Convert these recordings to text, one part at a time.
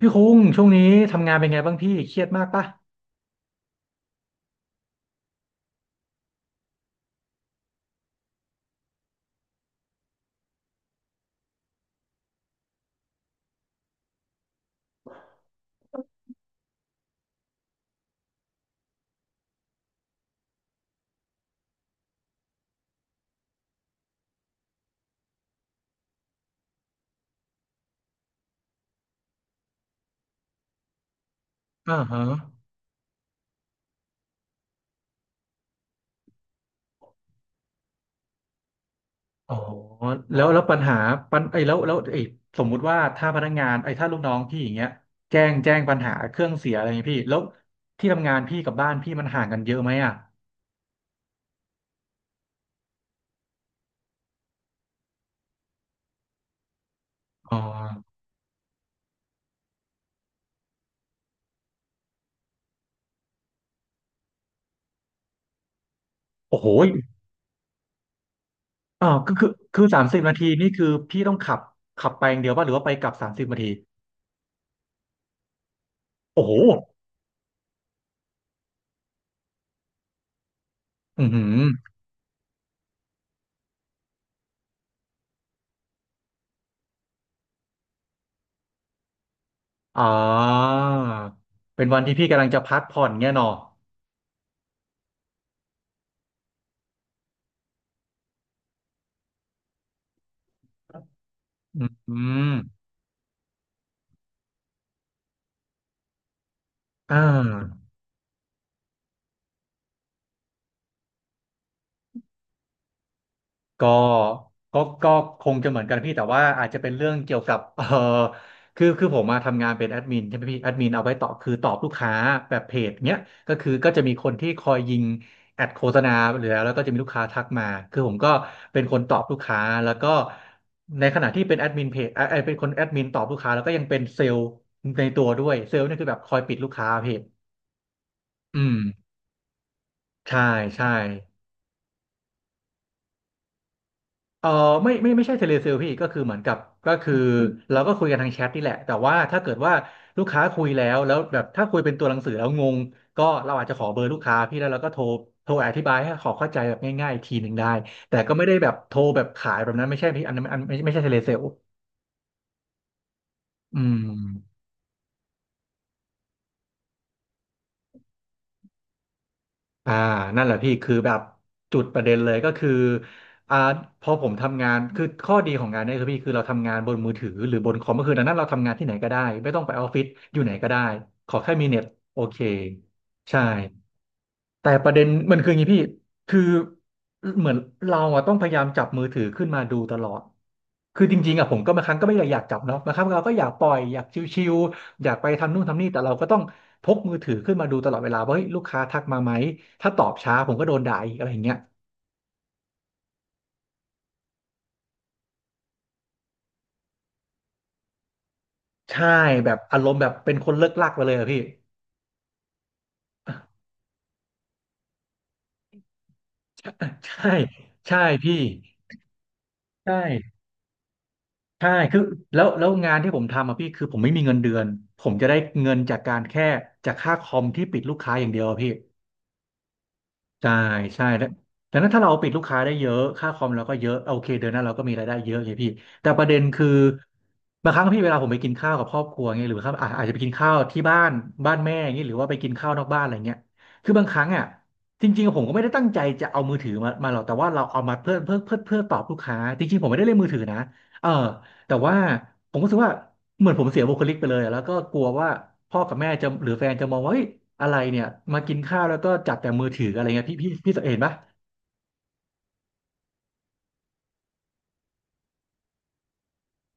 พี่คุ้งช่วงนี้ทำงานเป็นไงบ้างพี่เครียดมากปะอ่าฮะอ๋อแล้วแล้วปัญหาปัญไอ้ยแล้วแล้วไอ้ยสมมุติว่าถ้าพนักงานไอ้ยถ้าลูกน้องพี่อย่างเงี้ยแจ้งปัญหาเครื่องเสียอะไรอย่างเงี้ยพี่แล้วที่ทำงานพี่กับบ้านพี่มันห่างกันเยอะไหมอ่ะอ๋อโอ้โหอ่าวคือสามสิบนาทีนี่คือพี่ต้องขับไปอย่างเดียวป่ะหรือว่าไปกลับสามสิบนาทีโอ้โหอือหืออ่าเป็นวันที่พี่กำลังจะพักผ่อนเงี้ยเนาะอืมอ่า ก็ก็คงจะเหมือนกันพี่แต่ว่าอาจจะเป็นเรื่องเกี่ยวกับ เออคือผมมาทำงานเป็นแอดมินใช่ไหมพี่แอดมินเอาไว้ตอบคือตอบลูกค้าแบบเพจเนี้ยก็คือก็จะมีคนที่คอยยิงแอดโฆษณาหรือแล้วก็จะมีลูกค้าทักมาคือผมก็เป็นคนตอบลูกค้าแล้วก็ในขณะที่เป็นแอดมินเพจเออเป็นคนแอดมินตอบลูกค้าแล้วก็ยังเป็นเซลล์ในตัวด้วยเซลล์นี่คือแบบคอยปิดลูกค้าเพจอืมใช่ใช่ เออไม่ไม่ใช่เทเลเซลพี่ก็คือเหมือนกับก็คือเราก็คุยกันทางแชทนี่แหละแต่ว่าถ้าเกิดว่าลูกค้าคุยแล้วแบบถ้าคุยเป็นตัวหนังสือแล้วงงก็เราอาจจะขอเบอร์ลูกค้าพี่แล้วเราก็โทรอธิบายให้เขอเข้าใจแบบง่ายๆอีกทีหนึ่งได้แต่ก็ไม่ได้แบบโทรแบบขายแบบนั้นไม่ใช่พี่อันนั้นอันไม่ใช่เทเลเซลอืม อ่านั่นแหละพี่คือแบบจุดประเด็นเลยก็คืออ่าพอผมทำงานคือข้อดีของงานเนี้คือพี่คือเราทำงานบนมือถือหรือบนคอมก็คือดังนั้นเราทำงานที่ไหนก็ได้ ไม่ต้องไปออฟฟิศอยู่ไหนก็ได้ ขอแค่มีเน็ต โอเค ใช่ แต่ประเด็นมันคืออย่างนี้พี่คือเหมือนเราอะต้องพยายามจับมือถือขึ้นมาดูตลอดคือจริงๆอะผมก็บางครั้งก็ไม่ได้อยากจับเนาะบางครั้งเราก็อยากปล่อยอยากชิวๆอยากไปทำนู่นทำนี่แต่เราก็ต้องพกมือถือขึ้นมาดูตลอดเวลาว่าเฮ้ยลูกค้าทักมาไหมถ้าตอบช้าผมก็โดนด่าอีกอะไรอย่างเงี้ยใช่แบบอารมณ์แบบเป็นคนเลิกลักไปเลยอะพี่ ใช่ใช่พี่ใช่ ใช่คือแล้วงานที่ผมทำอ่ะพี่ คือผมไม่มีเงินเดือน ผมจะได้เงินจากการแค่จากค่าคอมที่ปิดลูกค้าอย่างเดียวอะพี่ ใช่ใช่แล้วดังนั้นถ้าเราปิดลูกค้าได้เยอะค่าคอมเราก็เยอะโอเคเดือนหน้าเราก็มีรายได้เยอะไงพี่แต่ประเด็นคือบางครั้งพี่เวลาผมไปกินข้าวกับครอบครัวเงี้ยหรือครับอาจจะไปกินข้าวที่บ้านแม่อย่างเงี้ยหรือว่าไปกินข้าวนอกบ้านอะไรเงี้ยคือบางครั้งอ่ะจริงๆผมก็ไม่ได้ตั้งใจจะเอามือถือมาหรอกแต่ว่าเราเอามาเพื่อตอบลูกค้าจริงๆผมไม่ได้เล่นมือถือนะเออ แต่ว่าผมก็รู้สึกว่าเหมือนผมเสียบุคลิกไปเลยอะแล้วก็กลัวว่าพ่อกับแม่จะหรือแฟนจะมองว่าเฮ้ยอะไรเนี่ยมากินข้าวแล้วก็จับแต่มือถืออะไรเงี้ยพี่เห็นปะ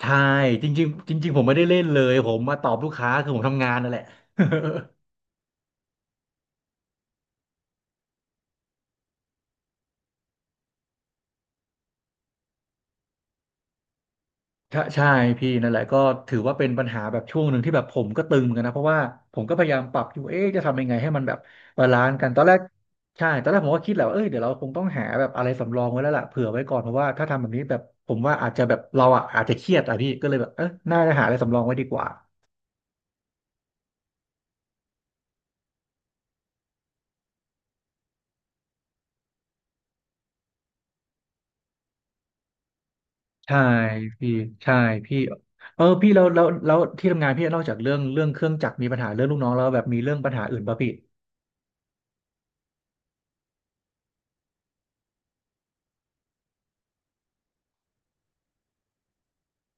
ใช่จริงๆจริงๆผมไม่ได้เล่นเลยผมมาตอบลูกค้าคือผมทำงานนั่นแหละ ถ้าใช่พี่นั่นแหละก็ถือว่าเป็นปัญหาแบบช่วงหนึ่งที่แบบผมก็ตึงเหมือนกันนะเพราะว่าผมก็พยายามปรับอยู่เอ๊ะจะทำยังไงให้มันแบบบาลานซ์กันตอนแรกใช่ตอนแรกผมก็คิดแหละว่าเอ้ยเดี๋ยวเราคงต้องหาแบบอะไรสำรองไว้แล้วล่ะเผื่อไว้ก่อนเพราะว่าถ้าทำแบบนี้แบบผมว่าอาจจะแบบเราอ่ะอาจจะเครียดอ่ะพี่ก็เลยแบบเออน่าจะหาอะไรสำรองไว้ดีกว่าใช่พี่ใช่พี่เออพี่แล้วที่ทำงานพี่นอกจากเรื่องเครื่องจักรมีปัญหาเรื่องลูกน้องแล้วแบบมีเรื่องปัญหาอื่นป่ะพี่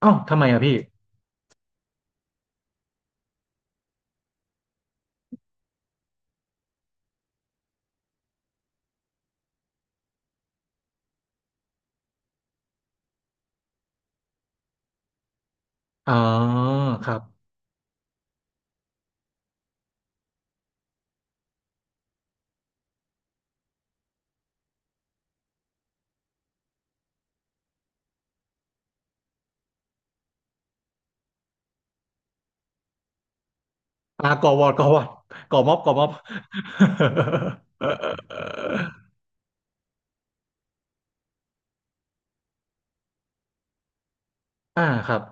เอ้าทำไมอะพี่อ๋อครับ อ่าก่อวอร์ดก่อวอร์ดก่อม็อบก่อม็อบ อ่าครับ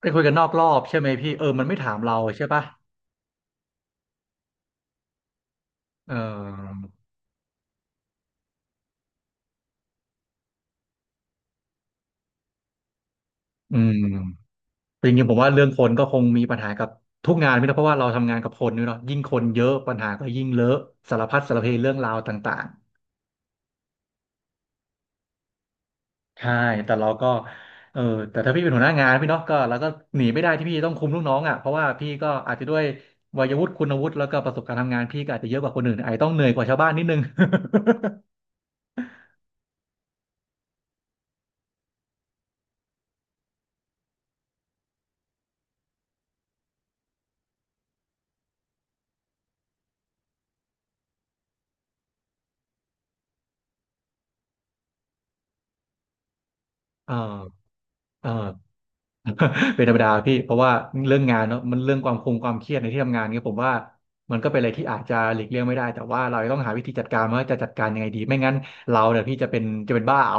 ไปคุยกันนอกรอบใช่ไหมพี่เออมันไม่ถามเราใช่ปะเอออืมจริงๆผมว่าเรื่องคนก็คงมีปัญหากับทุกงานพี่นะเพราะว่าเราทำงานกับคนนี่เนาะยิ่งคนเยอะปัญหาก็ยิ่งเลอะสารพัดสารเพเรื่องราวต่างๆ ใช่แต่เราก็เออแต่ถ้าพี่เป็นหัวหน้างานพี่เนาะก็เราก็หนีไม่ได้ที่พี่ต้องคุมลูกน้องอ่ะเพราะว่าพี่ก็อาจจะด้วยวัยวุฒิคุณวุฒิแล้วก็ประสบการณ์ทำงานพี่ก็อาจจะเยอะกว่าคนอื่นอาจจะต้องเหนื่อยกว่าชาวบ้านนิดนึง เออเออ เป็นธรรมดาพี่เพราะว่าเรื่องงานเนาะมันเรื่องความคงความเครียดในที่ทำงานเนี่ยผมว่ามันก็เป็นอะไรที่อาจจะหลีกเลี่ยงไม่ได้แต่ว่าเราต้องหาวิธีจัดการว่าจะจัดการยังไงดีไม่งั้นเราเนี่ยพี่จะเป็นบ้าเอา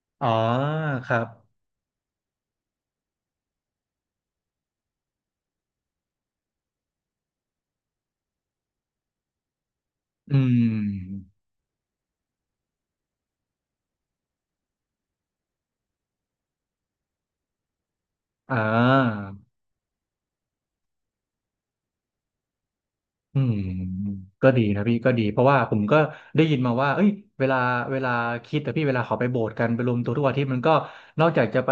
อ๋อครับอืมอ่า อืมก็ดีนะพี่ก็ดีเพราะว่าผมก็ได้ยินมาว่าเอ้ยเวลาเวลาคิดแต่พี่เวลาเขาไปโบสถ์กันไปรวมตัวทุกอาทิตย์มันก็นอกจากจะไป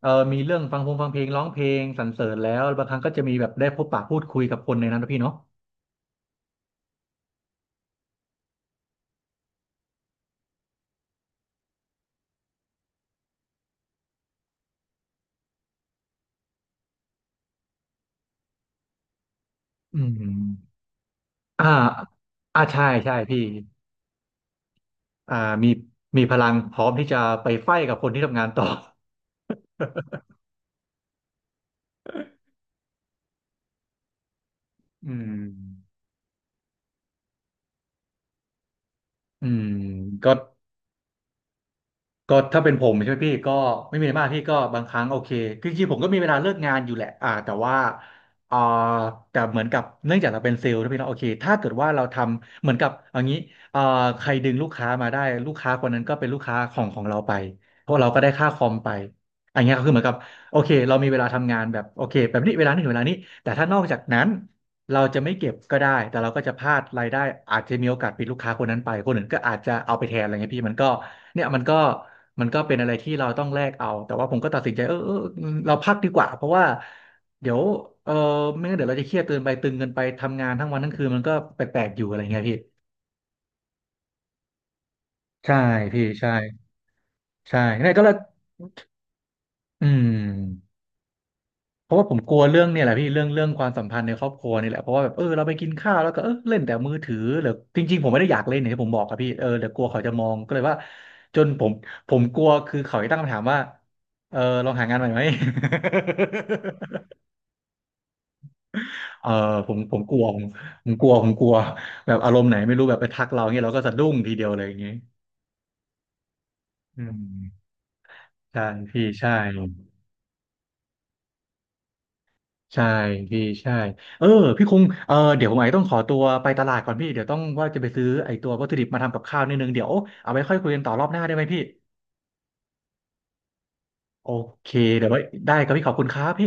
มีเรื่องฟังพงฟังเพลงร้องเพลงสรรเสริญแล้วบางครั้งก็จะมีแบบได้พบปะพูดคุยกับคนในนั้นนะพี่เนาะอืมอ่าอ่าใช่ใช่พี่อ่ามีมีพลังพร้อมที่จะไปไฟท์กับคนที่ทำงานต่อ อืมอืมก็ ก็ถ้าเป็นผมใช่ไหมพี่ก็ไม่มีอะไรมากพี่ก็บางครั้งโอเคคือจริงๆผมก็มีเวลาเลิกงานอยู่แหละแต่ว่าอ่าแต่เหมือนกับเนื่องจากเราเป็นเซลล์นะพี่เนาะโอเคถ้าเกิดว่าเราทำเหมือนกับเอย่างนี้อ่าใครดึงลูกค้ามาได้ลูกค้าคนนั้นก็เป็นลูกค้าของเราไปเพราะเราก็ได้ค่าคอมไปอันเนี้ยก็คือเหมือนกับโอเคเรามีเวลาทำงานแบบโอเคแบบนี้เวลานี้ถึงเวลานี้แต่ถ้านอกจากนั้น เราจะไม่เก็บก็ได้แต่เราก็จะพลาดรายได้อาจจะมีโอกาสปิดลูกค้าคนนั้นไปคนอื่นก็อาจจะเอาไปแทนอะไรเงี้ยพี่มันก็เนี่ยมันก็เป็นอะไรที่เราต้องแลกเอา แต่ว่าผมก็ตัดสินใจเออเออเราพักดีกว่าเพราะว่าเดี๋ยวเออไม่งั้นเดี๋ยวเราจะเครียดเกินไปตึงเกินไปทำงานทั้งวันทั้งคืนมันก็แปลกๆอยู่อะไรเงี้ยพี่ใช่พี่ใช่ใช่เนี่ยก็เลยอืม เพราะว่าผมกลัวเรื่องเนี่ยแหละพี่เรื่องความสัมพันธ์ในครอบครัวนี่แหละเพราะว่าแบบเออเราไปกินข้าวแล้วก็เออเล่นแต่มือถือหรือจริงๆผมไม่ได้อยากเล่นอย่างที่ผมบอกอะพี่เออแต่กลัวเขาจะมองก็เลยว่าจนผมกลัวคือเขาจะตั้งคำถามว่าเออลองหางานใหม่ไหม เออผมกลัวผมกลัวผมกลัวแบบอารมณ์ไหนไม่รู้แบบไปทักเราเงี้ยเราก็สะดุ้งทีเดียวเลยอย่างงี้อืมใช่พี่ใช่ ใช่พี่ใช่เออพี่คงเออเดี๋ยวผมอาจจะต้องขอตัวไปตลาดก่อนพี่เดี๋ยวต้องว่าจะไปซื้อไอ้ตัววัตถุดิบมาทำกับข้าวนิดนึงเดี๋ยวเอาไว้ค่อยคุยกันต่อรอบหน้าได้ไหมพี่โอเคเดี๋ยวไว้ได้ครับพี่ขอบคุณครับพี่